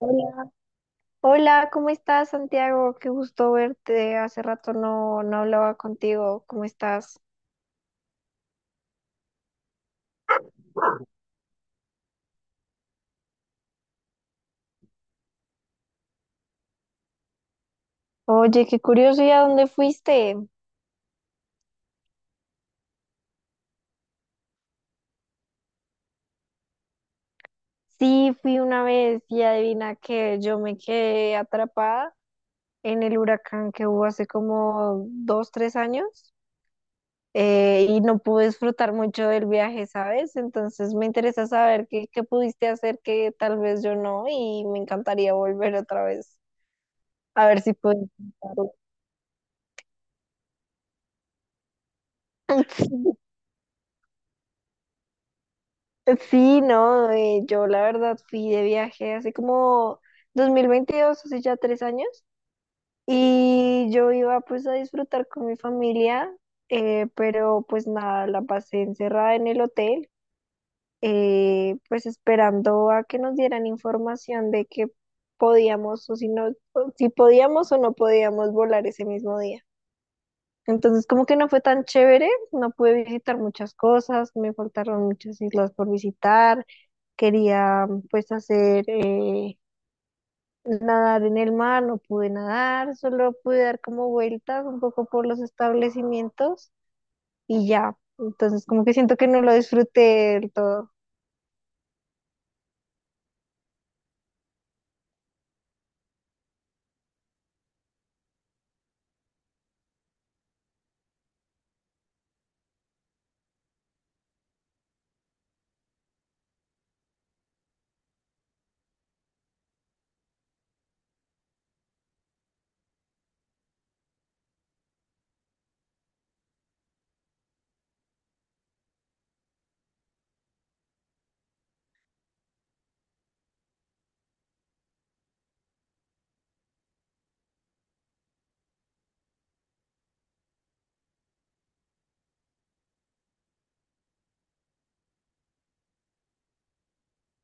Hola, Hola, ¿cómo estás, Santiago? Qué gusto verte. Hace rato no hablaba contigo. ¿Cómo estás? Oye, qué curioso, ¿y a dónde fuiste? Sí, fui una vez y adivina que yo me quedé atrapada en el huracán que hubo hace como dos, tres años y no pude disfrutar mucho del viaje, ¿sabes? Entonces me interesa saber qué pudiste hacer que tal vez yo no y me encantaría volver otra vez. A ver si puedo disfrutarlo. Sí, no, yo la verdad fui de viaje hace como 2022, hace ya tres años, y yo iba pues a disfrutar con mi familia, pero pues nada, la pasé encerrada en el hotel, pues esperando a que nos dieran información de que podíamos o si no, o si podíamos o no podíamos volar ese mismo día. Entonces, como que no fue tan chévere, no pude visitar muchas cosas, me faltaron muchas islas por visitar, quería pues hacer nadar en el mar, no pude nadar, solo pude dar como vueltas un poco por los establecimientos y ya. Entonces, como que siento que no lo disfruté del todo.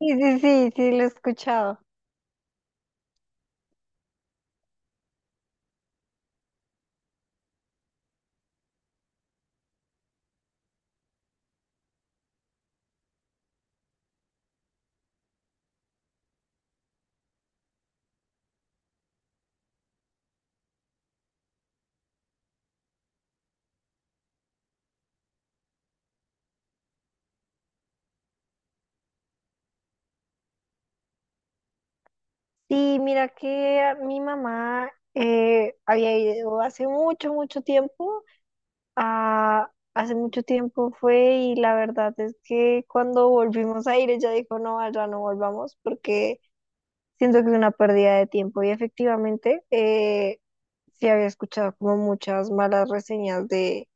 Sí, sí, sí, sí, lo he escuchado. Sí, mira que mi mamá había ido hace mucho, mucho tiempo. Ah, hace mucho tiempo fue y la verdad es que cuando volvimos a ir ella dijo, no, allá no volvamos porque siento que es una pérdida de tiempo y efectivamente sí había escuchado como muchas malas reseñas de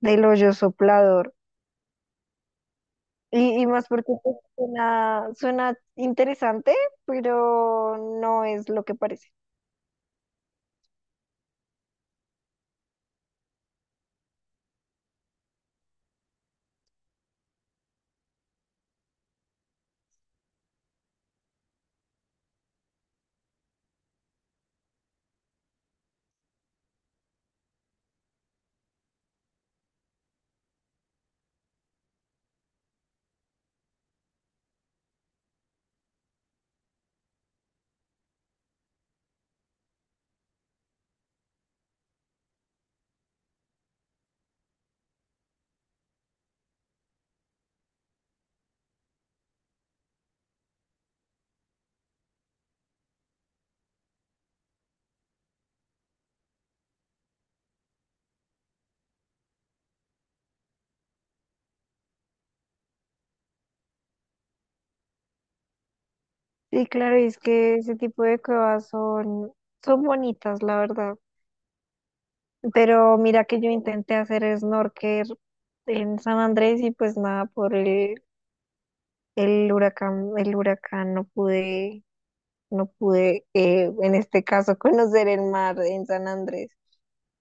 del hoyo soplador y más porque pues, suena, suena interesante, pero no es lo que parece. Sí, claro, y es que ese tipo de cuevas son, son bonitas, la verdad. Pero mira que yo intenté hacer snorkel en San Andrés y pues nada, el huracán no pude, no pude en este caso conocer el mar en San Andrés.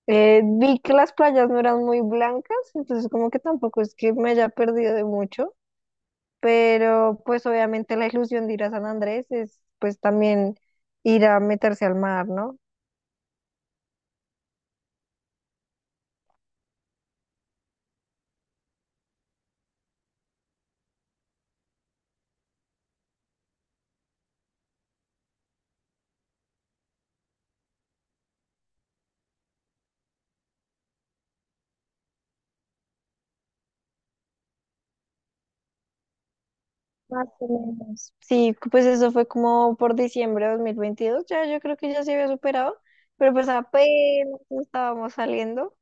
Vi que las playas no eran muy blancas, entonces como que tampoco es que me haya perdido de mucho, pero pues obviamente la ilusión de ir a San Andrés es pues también ir a meterse al mar, ¿no? Más o menos. Sí, pues eso fue como por diciembre de 2022, ya yo creo que ya se había superado, pero pues apenas estábamos saliendo,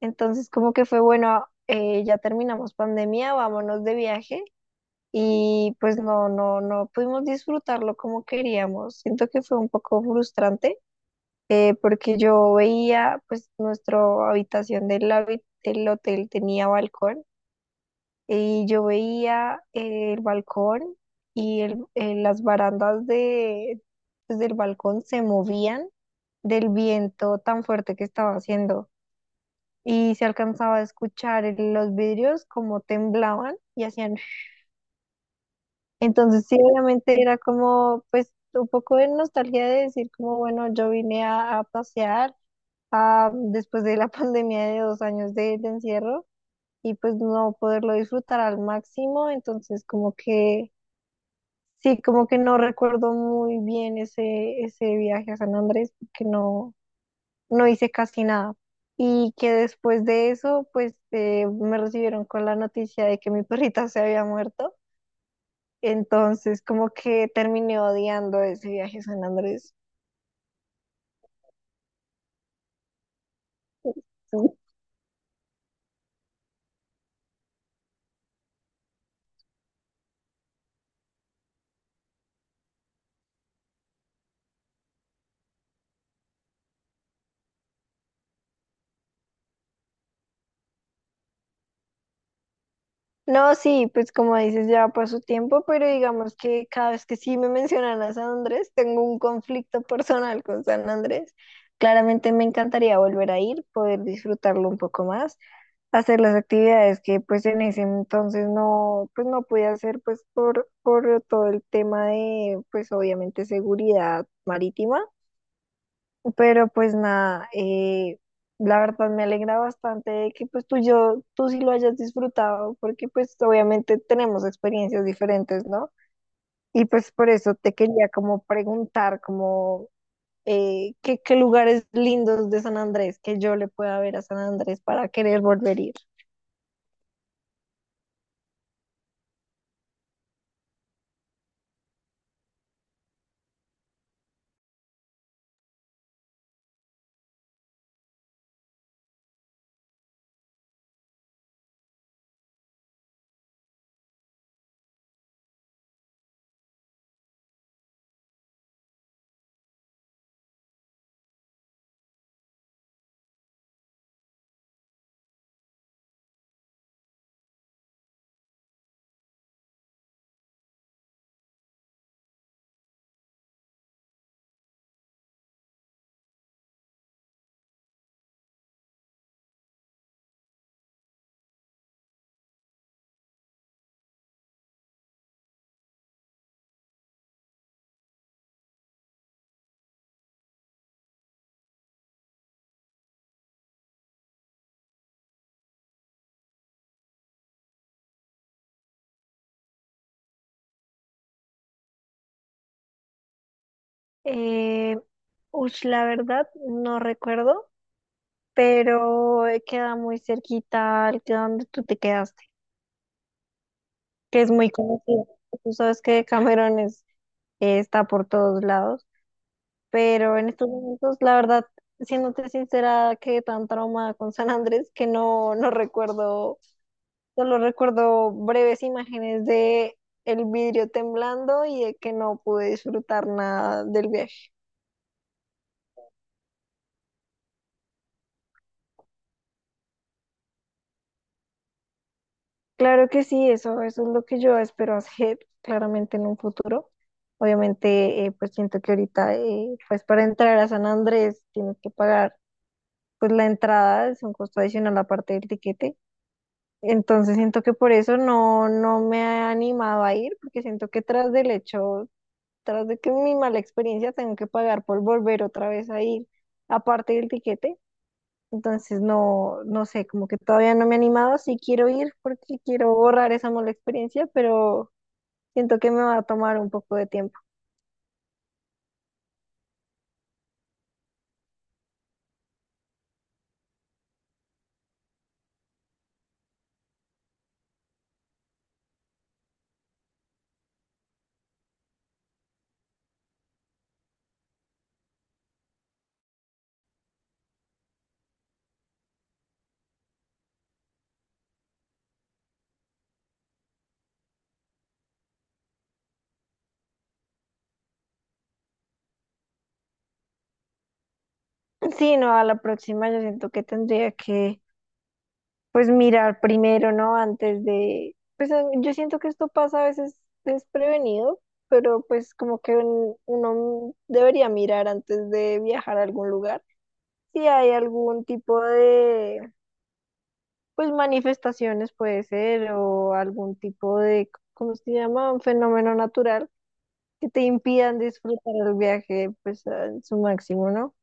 entonces como que fue bueno, ya terminamos pandemia, vámonos de viaje y pues no, no pudimos disfrutarlo como queríamos, siento que fue un poco frustrante porque yo veía pues nuestra del hotel tenía balcón y yo veía el balcón y las barandas de, pues, del balcón se movían del viento tan fuerte que estaba haciendo. Y se alcanzaba a escuchar los vidrios como temblaban y hacían... Entonces sí, obviamente era como pues un poco de nostalgia de decir como, bueno, yo vine a pasear después de la pandemia de dos años de encierro y pues no poderlo disfrutar al máximo. Entonces como que... Sí, como que no recuerdo muy bien ese viaje a San Andrés porque no, no hice casi nada. Y que después de eso, pues me recibieron con la noticia de que mi perrita se había muerto. Entonces, como que terminé odiando ese viaje a San Andrés. No, sí, pues como dices, ya pasó tiempo, pero digamos que cada vez que sí me mencionan a San Andrés, tengo un conflicto personal con San Andrés. Claramente me encantaría volver a ir, poder disfrutarlo un poco más, hacer las actividades que pues en ese entonces no, pues no pude hacer pues por todo el tema de pues obviamente seguridad marítima, pero pues nada, la verdad me alegra bastante de que pues tú sí lo hayas disfrutado porque pues obviamente tenemos experiencias diferentes, ¿no? Y pues por eso te quería como preguntar como... ¿qué, qué lugares lindos de San Andrés que yo le pueda ver a San Andrés para querer volver a ir? Eh, ush, la verdad, no recuerdo, pero queda muy cerquita al que donde tú te quedaste, que es muy conocido. Tú sabes que Cameron está por todos lados, pero en estos momentos, la verdad, siéndote sincera, quedé tan traumada con San Andrés que no, no recuerdo, solo recuerdo breves imágenes de el vidrio temblando y de que no pude disfrutar nada del viaje. Claro que sí, eso es lo que yo espero hacer claramente en un futuro. Obviamente, pues siento que ahorita, pues para entrar a San Andrés tienes que pagar pues la entrada, es un costo adicional aparte del tiquete. Entonces siento que por eso no, no me he animado a ir, porque siento que tras del hecho, tras de que mi mala experiencia, tengo que pagar por volver otra vez a ir aparte del tiquete. Entonces, no, no sé, como que todavía no me he animado, sí quiero ir porque quiero borrar esa mala experiencia, pero siento que me va a tomar un poco de tiempo. Sí, no, a la próxima yo siento que tendría que, pues, mirar primero, ¿no? Antes de, pues, yo siento que esto pasa a veces desprevenido, pero pues como que uno debería mirar antes de viajar a algún lugar. Si hay algún tipo de, pues manifestaciones puede ser o algún tipo de, ¿cómo se llama? Un fenómeno natural que te impidan disfrutar el viaje pues a su máximo, ¿no?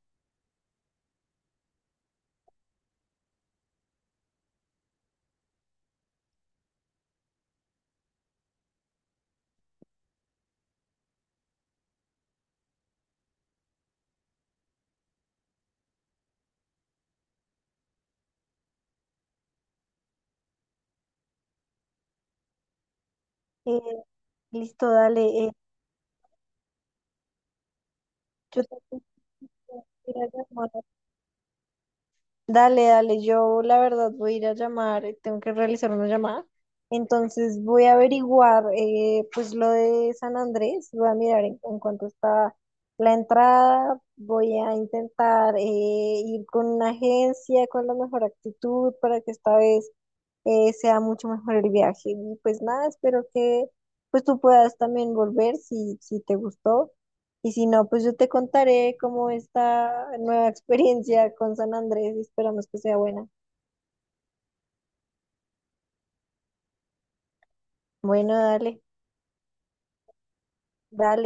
Eh, listo, dale. eh, yo tengo que ir a llamar. Dale, dale, yo la verdad voy a ir a llamar, tengo que realizar una llamada, entonces voy a averiguar pues lo de San Andrés, voy a mirar en cuánto está la entrada, voy a intentar ir con una agencia con la mejor actitud para que esta vez sea mucho mejor el viaje. Y pues nada, espero que pues tú puedas también volver si, si te gustó. Y si no, pues yo te contaré cómo esta nueva experiencia con San Andrés y esperamos que sea buena. Bueno, dale, dale.